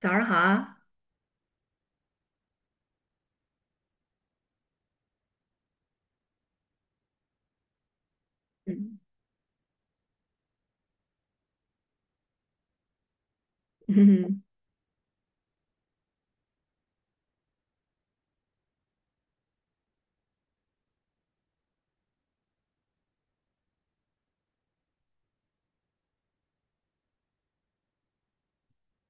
早上好啊。嗯。嗯。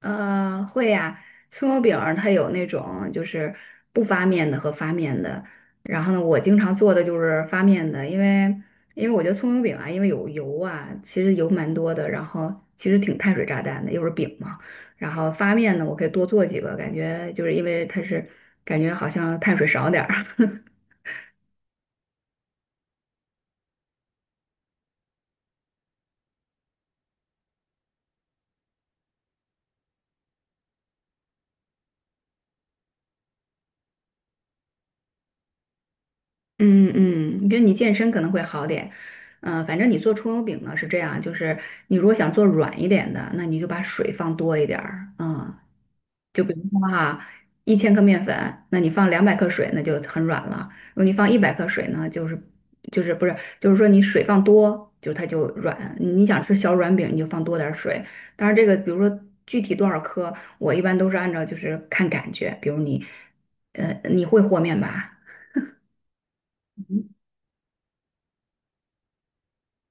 会呀、葱油饼儿它有那种就是不发面的和发面的。然后呢，我经常做的就是发面的，因为我觉得葱油饼啊，因为有油啊，其实油蛮多的，然后其实挺碳水炸弹的，又是饼嘛。然后发面呢，我可以多做几个，感觉就是因为它是感觉好像碳水少点儿。嗯嗯，你觉得你健身可能会好点。嗯，反正你做葱油饼呢是这样，就是你如果想做软一点的，那你就把水放多一点儿。嗯，就比如说哈，1千克面粉，那你放200克水，那就很软了；如果你放100克水呢，就是就是不是就是说你水放多，就它就软。你想吃小软饼，你就放多点儿水。当然这个比如说具体多少克，我一般都是按照就是看感觉，比如你，你会和面吧？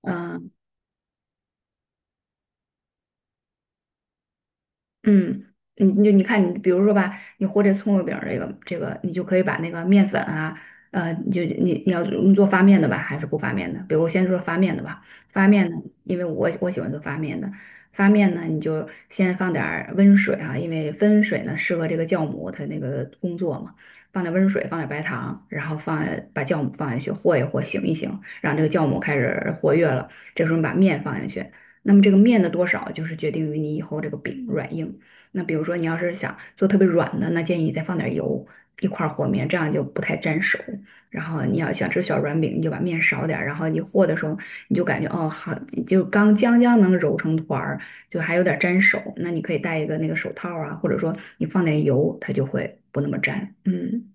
嗯。嗯，你看，你比如说吧，你和这葱油饼儿这个，你就可以把那个面粉啊，你就你你要你做发面的吧，还是不发面的？比如我先说发面的吧。发面呢，因为我喜欢做发面的。发面呢，你就先放点儿温水啊，因为温水呢适合这个酵母它那个工作嘛。放点温水，放点白糖，然后放把酵母放下去和一和，醒一醒，让这个酵母开始活跃了，这时候你把面放下去。那么这个面的多少，就是决定于你以后这个饼软硬。那比如说你要是想做特别软的，那建议你再放点油一块儿和面，这样就不太粘手。然后你要想吃小软饼，你就把面少点儿，然后你和的时候你就感觉哦好，就刚将将能揉成团儿，就还有点粘手。那你可以戴一个那个手套啊，或者说你放点油，它就会不那么粘。嗯。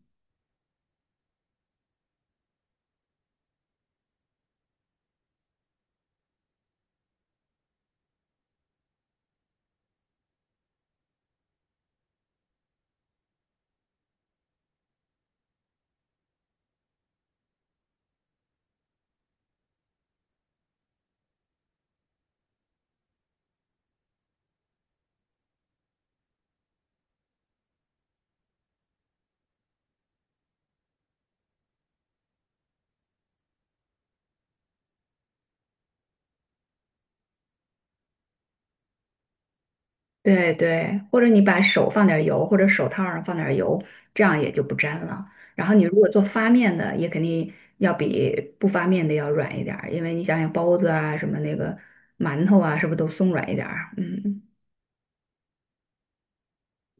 对对，或者你把手放点儿油，或者手套上放点儿油，这样也就不粘了。然后你如果做发面的，也肯定要比不发面的要软一点儿，因为你想想包子啊，什么那个馒头啊，是不是都松软一点儿？嗯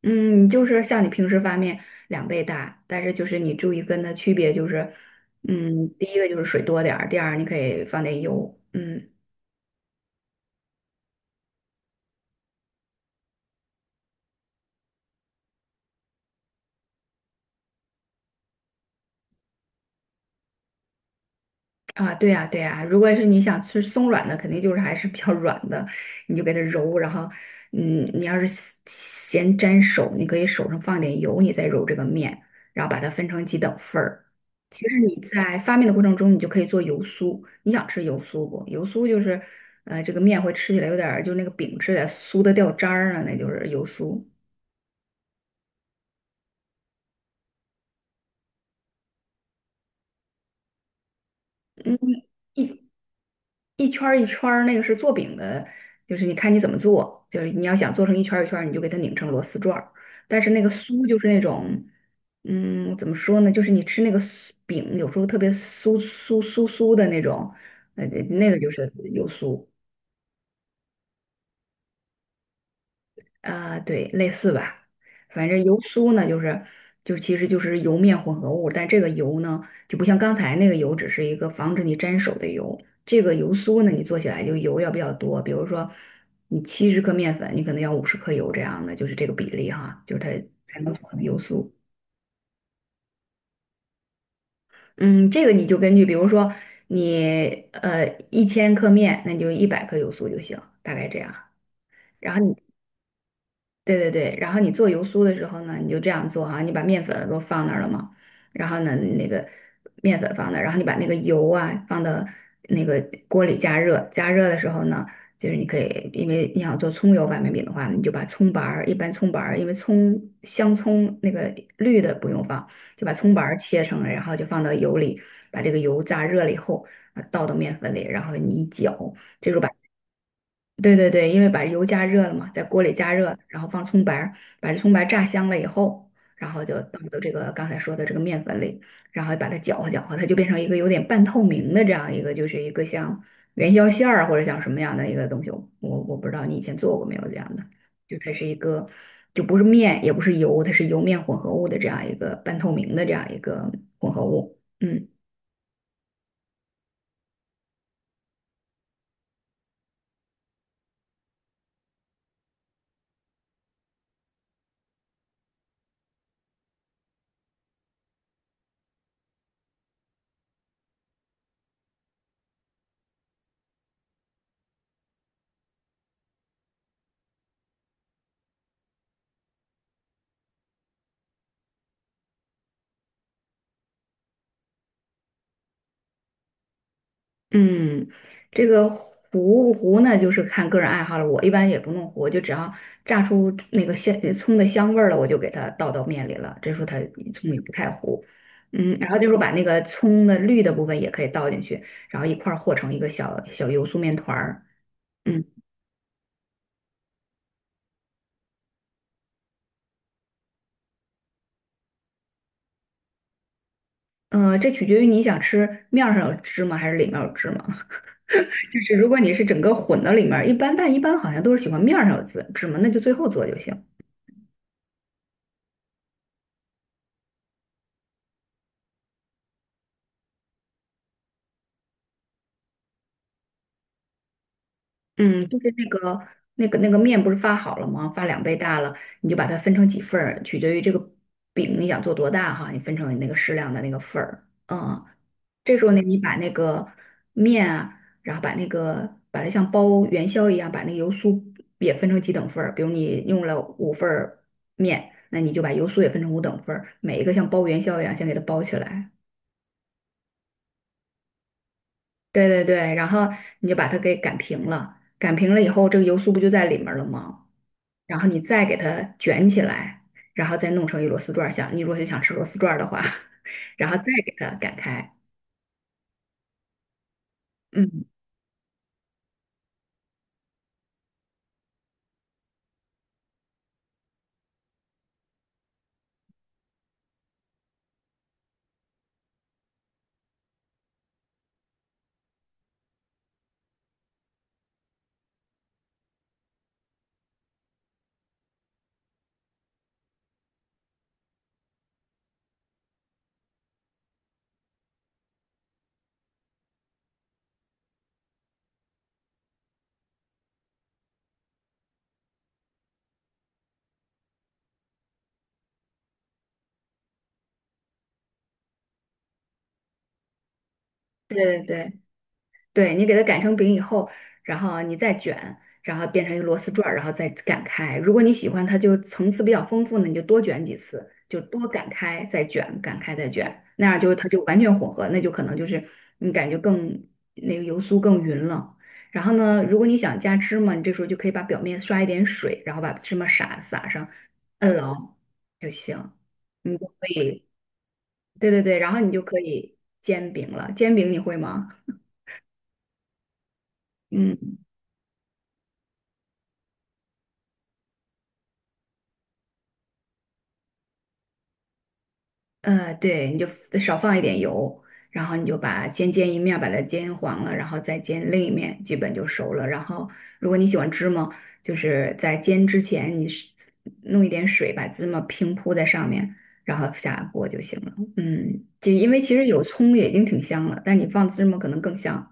嗯，就是像你平时发面两倍大，但是就是你注意跟它区别就是，嗯，第一个就是水多点儿，第二你可以放点油。嗯。啊，对呀，对呀，如果是你想吃松软的，肯定就是还是比较软的，你就给它揉。然后，嗯，你要是嫌粘手，你可以手上放点油，你再揉这个面，然后把它分成几等份儿。其实你在发面的过程中，你就可以做油酥。你想吃油酥不？油酥就是，这个面会吃起来有点儿就那个饼吃起来酥的掉渣儿了，那就是油酥。一圈儿一圈儿，那个是做饼的，就是你看你怎么做，就是你要想做成一圈儿一圈儿，你就给它拧成螺丝转儿。但是那个酥就是那种，嗯，怎么说呢？就是你吃那个酥饼，有时候特别酥酥的那种，那个就是油酥。啊、对，类似吧。反正油酥呢，就是就其实就是油面混合物。但这个油呢，就不像刚才那个油，只是一个防止你沾手的油。这个油酥呢，你做起来就油要比较多，比如说你70克面粉，你可能要50克油这样的，就是这个比例哈，就是它才能做成油酥。嗯，这个你就根据，比如说你一千克面，那你就100克油酥就行，大概这样。然后你。对对对，然后你做油酥的时候呢，你就这样做哈，你把面粉不放那儿了吗？然后呢，那个面粉放那儿，然后你把那个油啊放到那个锅里加热。加热的时候呢，就是你可以，因为你想做葱油板面饼的话，你就把葱白儿，一般葱白儿，因为葱香葱那个绿的不用放，就把葱白儿切成了，然后就放到油里，把这个油炸热了以后，啊倒到面粉里，然后你一搅。对对对，因为把油加热了嘛，在锅里加热，然后放葱白儿，把这葱白儿炸香了以后，然后就倒到这个刚才说的这个面粉里，然后把它搅和搅和，它就变成一个有点半透明的这样一个，就是一个像元宵馅儿啊或者像什么样的一个东西。我不知道你以前做过没有这样的，就它是一个就不是面也不是油，它是油面混合物的这样一个半透明的这样一个混合物。嗯。嗯，这个糊不糊呢，就是看个人爱好了。我一般也不弄糊，我就只要炸出那个香葱的香味儿了，我就给它倒到面里了。这时候它葱也不太糊。嗯，然后就是把那个葱的绿的部分也可以倒进去，然后一块儿和成一个小小油酥面团儿。嗯，这取决于你想吃面儿上有芝麻还是里面有芝麻。就是如果你是整个混到里面儿，一般但一般好像都是喜欢面儿上有芝麻，那就最后做就行。嗯，就是那个那个面不是发好了吗？发两倍大了，你就把它分成几份儿，取决于这个饼你想做多大哈，你分成那个适量的那个份儿。嗯，这时候呢，你把那个面啊，然后把那个把它像包元宵一样，把那个油酥也分成几等份儿。比如你用了5份儿面，那你就把油酥也分成5等份儿，每一个像包元宵一样，先给它包起来。对对对，然后你就把它给擀平了，擀平了以后，这个油酥不就在里面了吗？然后你再给它卷起来，然后再弄成一螺丝转儿。像你如果想吃螺丝转儿的话，然后再给它擀开。嗯，对对对。对你给它擀成饼以后，然后你再卷，然后变成一个螺丝转儿，然后再擀开。如果你喜欢它就层次比较丰富呢，你就多卷几次，就多擀开再卷，擀开再卷，那样就它就完全混合，那就可能就是你感觉更那个油酥更匀了。然后呢，如果你想加芝麻，你这时候就可以把表面刷一点水，然后把芝麻撒上，摁牢就行，你就可以，对对对，然后你就可以煎饼了。煎饼你会吗？嗯。对，你就 少放一点油，然后你就把先煎一面，把它煎黄了，然后再煎另一面，基本就熟了。然后，如果你喜欢芝麻，就是在煎之前，你是弄一点水把芝麻平铺在上面，然后下锅就行了。嗯，就因为其实有葱也已经挺香了，但你放芝麻可能更香。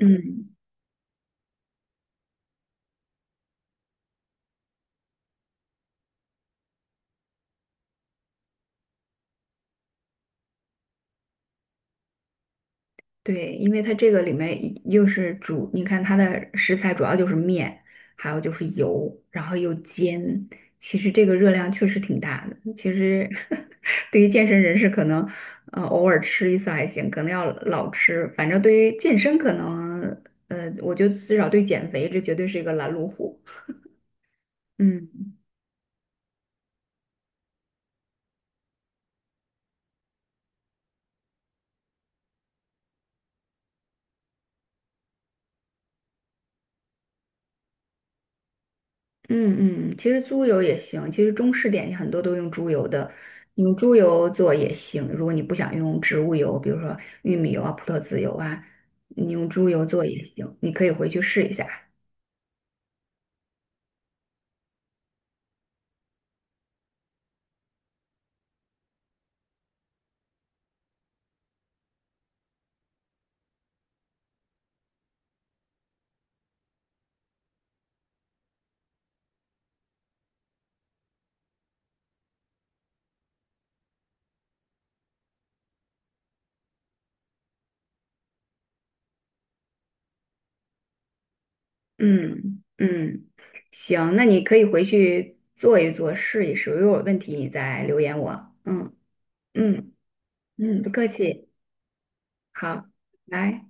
嗯对，因为它这个里面又是主，你看它的食材主要就是面，还有就是油，然后又煎，其实这个热量确实挺大的。其实 对于健身人士，可能偶尔吃一次还行，可能要老吃。反正对于健身，可能，我觉得至少对减肥，这绝对是一个拦路虎。嗯。嗯嗯，其实猪油也行，其实中式点心很多都用猪油的，你用猪油做也行。如果你不想用植物油，比如说玉米油啊、葡萄籽油啊，你用猪油做也行，你可以回去试一下。嗯嗯，行，那你可以回去做一做，试一试。如果有问题，你再留言我。嗯嗯嗯，不客气。好。来。